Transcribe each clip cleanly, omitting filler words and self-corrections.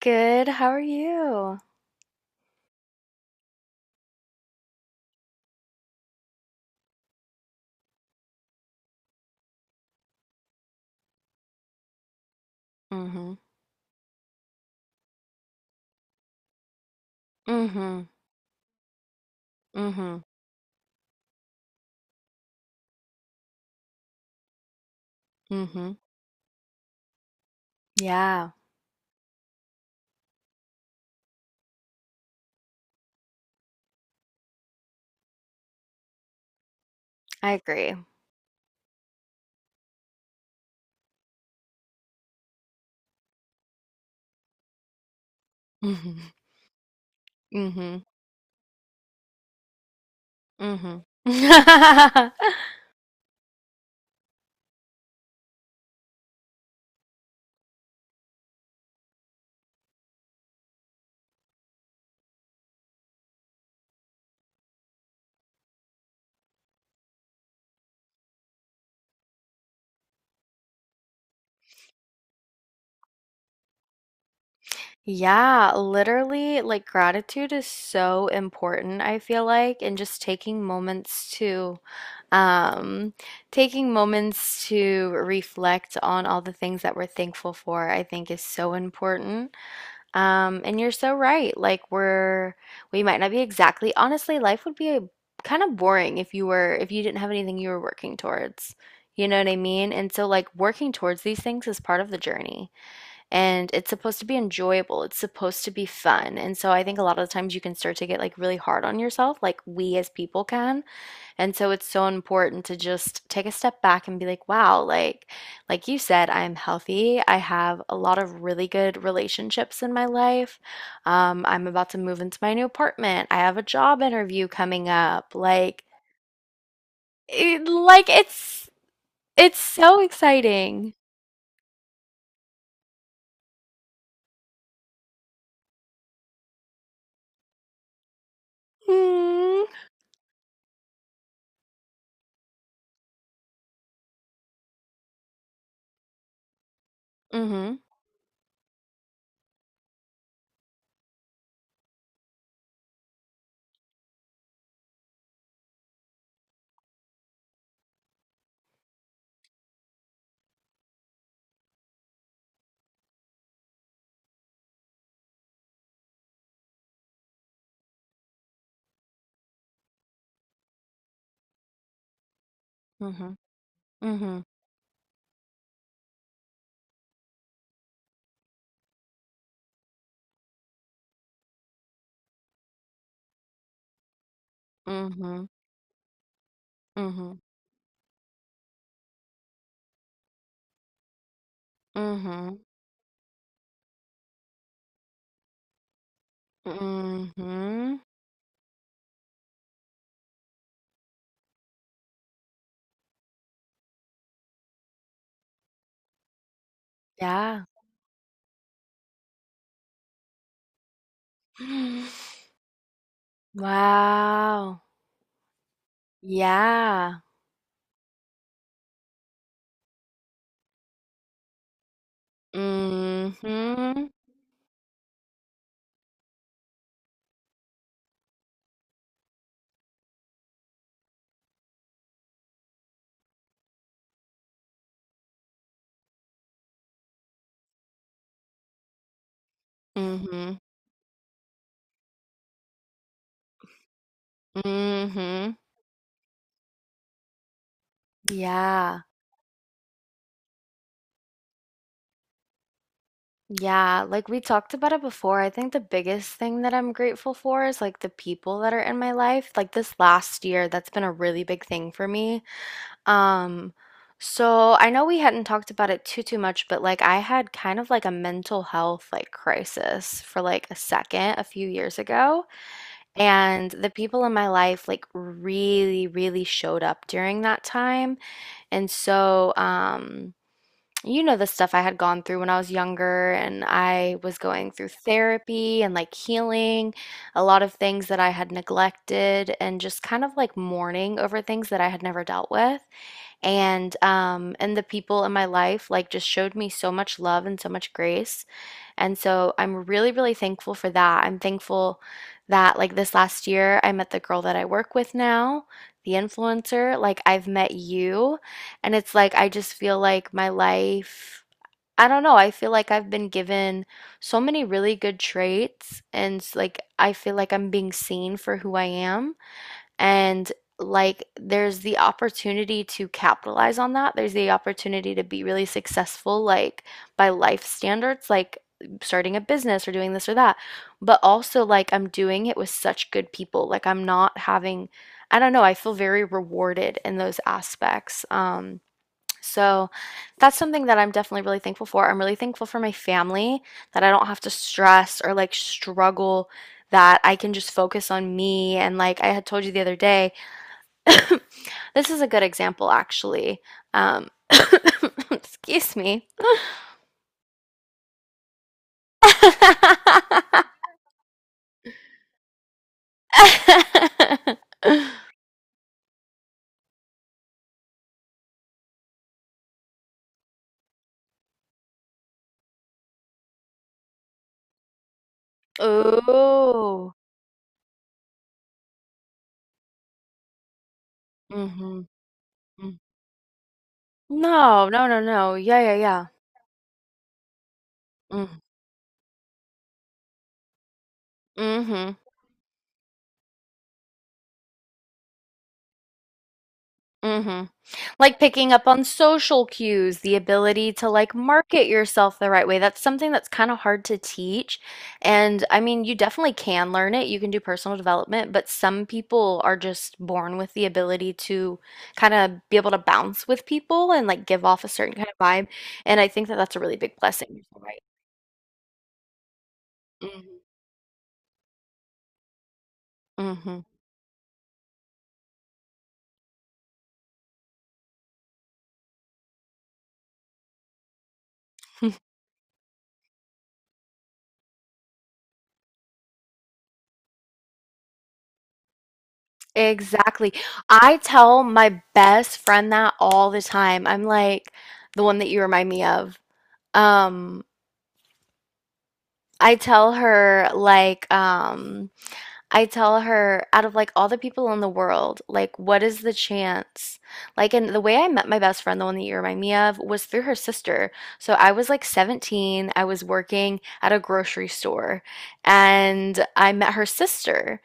Good, how are you? Mhm. Mhm. Mhm. Mhm. Yeah, I agree. Mhm. Mhm. Mhm. Yeah, literally, like gratitude is so important, I feel like, and just um taking moments to reflect on all the things that we're thankful for, I think is so important. And you're so right. Like, we might not be exactly honestly, life would be a, kind of boring if you were if you didn't have anything you were working towards. You know what I mean? And so like working towards these things is part of the journey, and it's supposed to be enjoyable. It's supposed to be fun. And so I think a lot of the times you can start to get like really hard on yourself, like we as people can, and so it's so important to just take a step back and be like, wow, like you said, I'm healthy. I have a lot of really good relationships in my life. I'm about to move into my new apartment. I have a job interview coming up. Like, it's so exciting. Mm. Mhm. Mhm. Mhm. Mhm. Mhm. Mhm. Mhm. Yeah. Wow. Yeah. Mhm. Mhm. Mhm. Yeah. Yeah, like we talked about it before. I think the biggest thing that I'm grateful for is like the people that are in my life. Like this last year, that's been a really big thing for me. Um, so I know we hadn't talked about it too much, but like I had kind of like a mental health like crisis for like a second a few years ago, and the people in my life like really showed up during that time. And so, you know, the stuff I had gone through when I was younger, and I was going through therapy and like healing a lot of things that I had neglected, and just kind of like mourning over things that I had never dealt with. And the people in my life like just showed me so much love and so much grace, and so I'm really, really thankful for that. I'm thankful that, like, this last year, I met the girl that I work with now, the influencer. Like, I've met you. And it's like, I just feel like my life, I don't know, I feel like I've been given so many really good traits. And, like, I feel like I'm being seen for who I am. And like, there's the opportunity to capitalize on that. There's the opportunity to be really successful, like by life standards, like starting a business or doing this or that. But also, like, I'm doing it with such good people. Like, I'm not having, I don't know, I feel very rewarded in those aspects. So that's something that I'm definitely really thankful for. I'm really thankful for my family, that I don't have to stress or like struggle, that I can just focus on me. And like I had told you the other day, this is a good example actually. Um, excuse me. Oh. Mm-hmm. Mm. No, no, no, no. Yeah, yeah, yeah. Mm-hmm. Mm-hmm. Mm-hmm. Like picking up on social cues, the ability to like market yourself the right way. That's something that's kind of hard to teach. And I mean, you definitely can learn it. You can do personal development, but some people are just born with the ability to kind of be able to bounce with people and like give off a certain kind of vibe. And I think that that's a really big blessing. So Right. Hmm. Hmm. Exactly. I tell my best friend that all the time. I'm like, the one that you remind me of. Um, I tell her like um I tell her out of like all the people in the world, like what is the chance? Like and the way I met my best friend, the one that you remind me of, was through her sister. So I was like 17, I was working at a grocery store and I met her sister,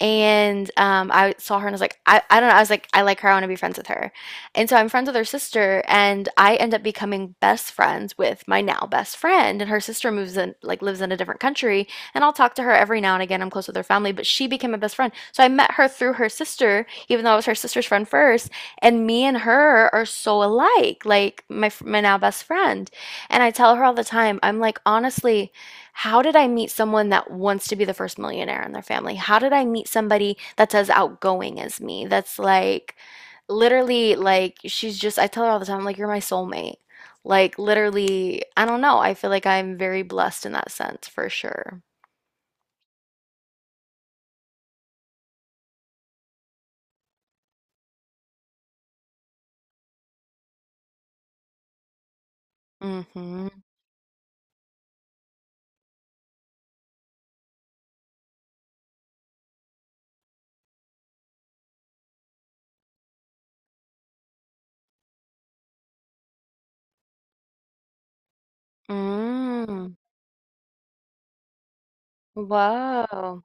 and I saw her and I was like, I don't know. I was like, I like her. I want to be friends with her. And so I'm friends with her sister, and I end up becoming best friends with my now best friend. And her sister moves in, like, lives in a different country. And I'll talk to her every now and again. I'm close with her family, but she became my best friend. So I met her through her sister, even though I was her sister's friend first. And me and her are so alike, like my now best friend. And I tell her all the time, I'm like, honestly, how did I meet someone that wants to be the first millionaire in their family? How did I meet somebody that's as outgoing as me? That's like literally like she's just I tell her all the time like you're my soulmate. Like literally, I don't know. I feel like I'm very blessed in that sense for sure. Mm-hmm. Mm. Whoa.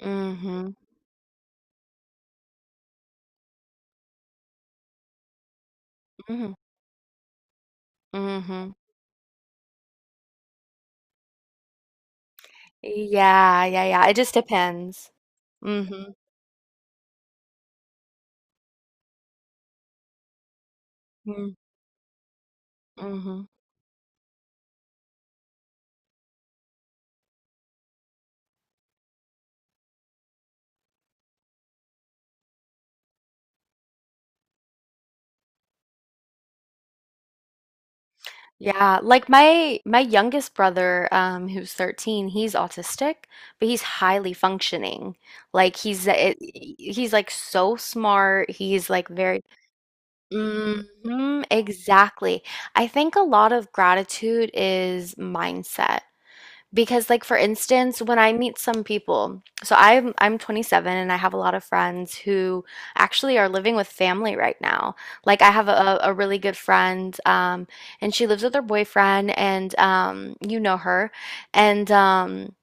Mm-hmm. Mm-hmm. Mm-hmm. Yeah, yeah, yeah. It just depends. Mm-hmm. Mm-hmm. Yeah, like my youngest brother, who's 13, he's autistic, but he's highly functioning. Like he's it, he's like so smart. He's like very Mhm, exactly. I think a lot of gratitude is mindset. Because like for instance, when I meet some people, so I'm 27 and I have a lot of friends who actually are living with family right now. Like I have a really good friend, and she lives with her boyfriend and you know her. And um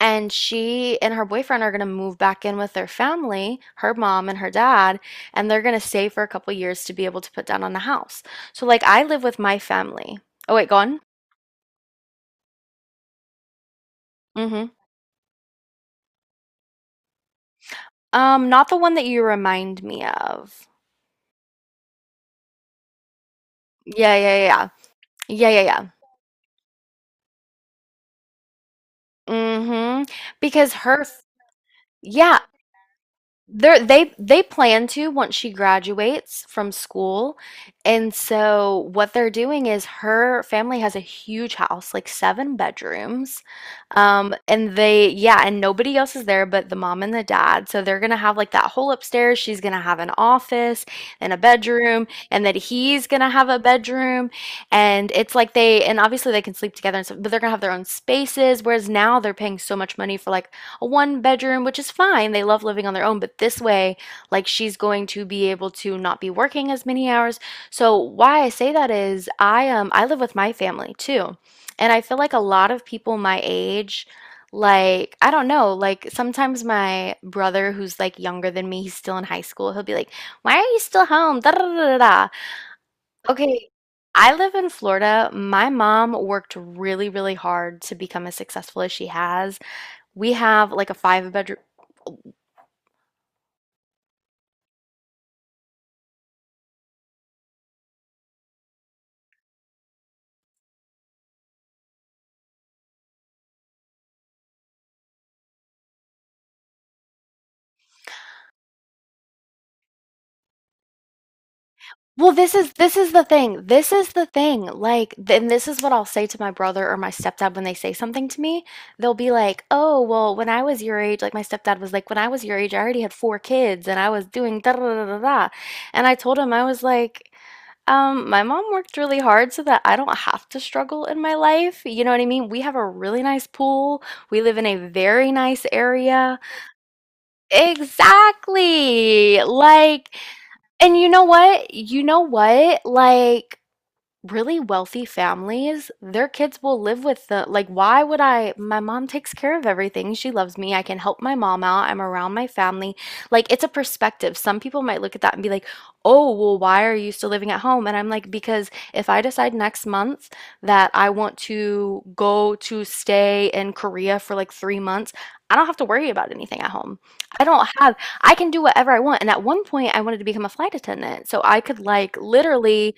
and she and her boyfriend are gonna move back in with their family, her mom and her dad, and they're gonna stay for a couple years to be able to put down on the house. So like I live with my family. Oh wait, go on. Mm-hmm. Not the one that you remind me of. Yeah, yeah, yeah. Yeah, yeah, yeah. mm Mhm. Because her f yeah. They plan to once she graduates from school. And so what they're doing is her family has a huge house, like seven bedrooms. And nobody else is there but the mom and the dad. So they're gonna have like that whole upstairs. She's gonna have an office and a bedroom, and then he's gonna have a bedroom. And it's like they, and obviously they can sleep together and stuff, but they're gonna have their own spaces. Whereas now they're paying so much money for like a one bedroom, which is fine. They love living on their own, but this way, like she's going to be able to not be working as many hours. So why I say that is I live with my family too. And I feel like a lot of people my age like I don't know, like sometimes my brother who's like younger than me, he's still in high school, he'll be like, "Why are you still home?" Da, da, da, da, da. Okay, I live in Florida. My mom worked really, really hard to become as successful as she has. We have like a five bedroom. Well, this is the thing. This is the thing. And this is what I'll say to my brother or my stepdad when they say something to me. They'll be like, "Oh, well, when I was your age, like my stepdad was like, when I was your age, I already had four kids and I was doing da da da da da." And I told him I was like, my mom worked really hard so that I don't have to struggle in my life. You know what I mean? We have a really nice pool. We live in a very nice area. Exactly. Like and you know what? You know what? Like really wealthy families, their kids will live with the like why would I my mom takes care of everything. She loves me. I can help my mom out. I'm around my family. Like it's a perspective. Some people might look at that and be like, "Oh, well why are you still living at home?" And I'm like, "Because if I decide next month that I want to go to stay in Korea for like 3 months, I don't have to worry about anything at home. I don't have I can do whatever I want." And at one point I wanted to become a flight attendant. So I could like literally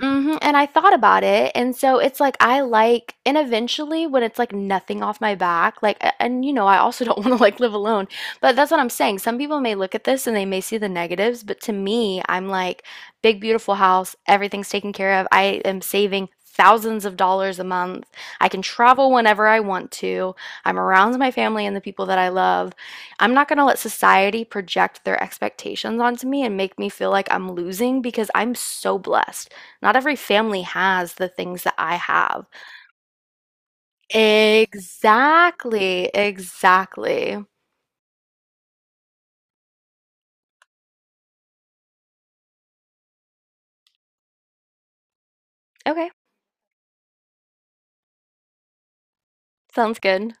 Mhm, and I thought about it, and so it's like I like and eventually when it's like nothing off my back, like a- and you know, I also don't want to like live alone. But that's what I'm saying. Some people may look at this and they may see the negatives, but to me, I'm like big beautiful house, everything's taken care of. I am saving thousands of dollars a month. I can travel whenever I want to. I'm around my family and the people that I love. I'm not going to let society project their expectations onto me and make me feel like I'm losing because I'm so blessed. Not every family has the things that I have. Exactly, exactly. Okay, sounds good.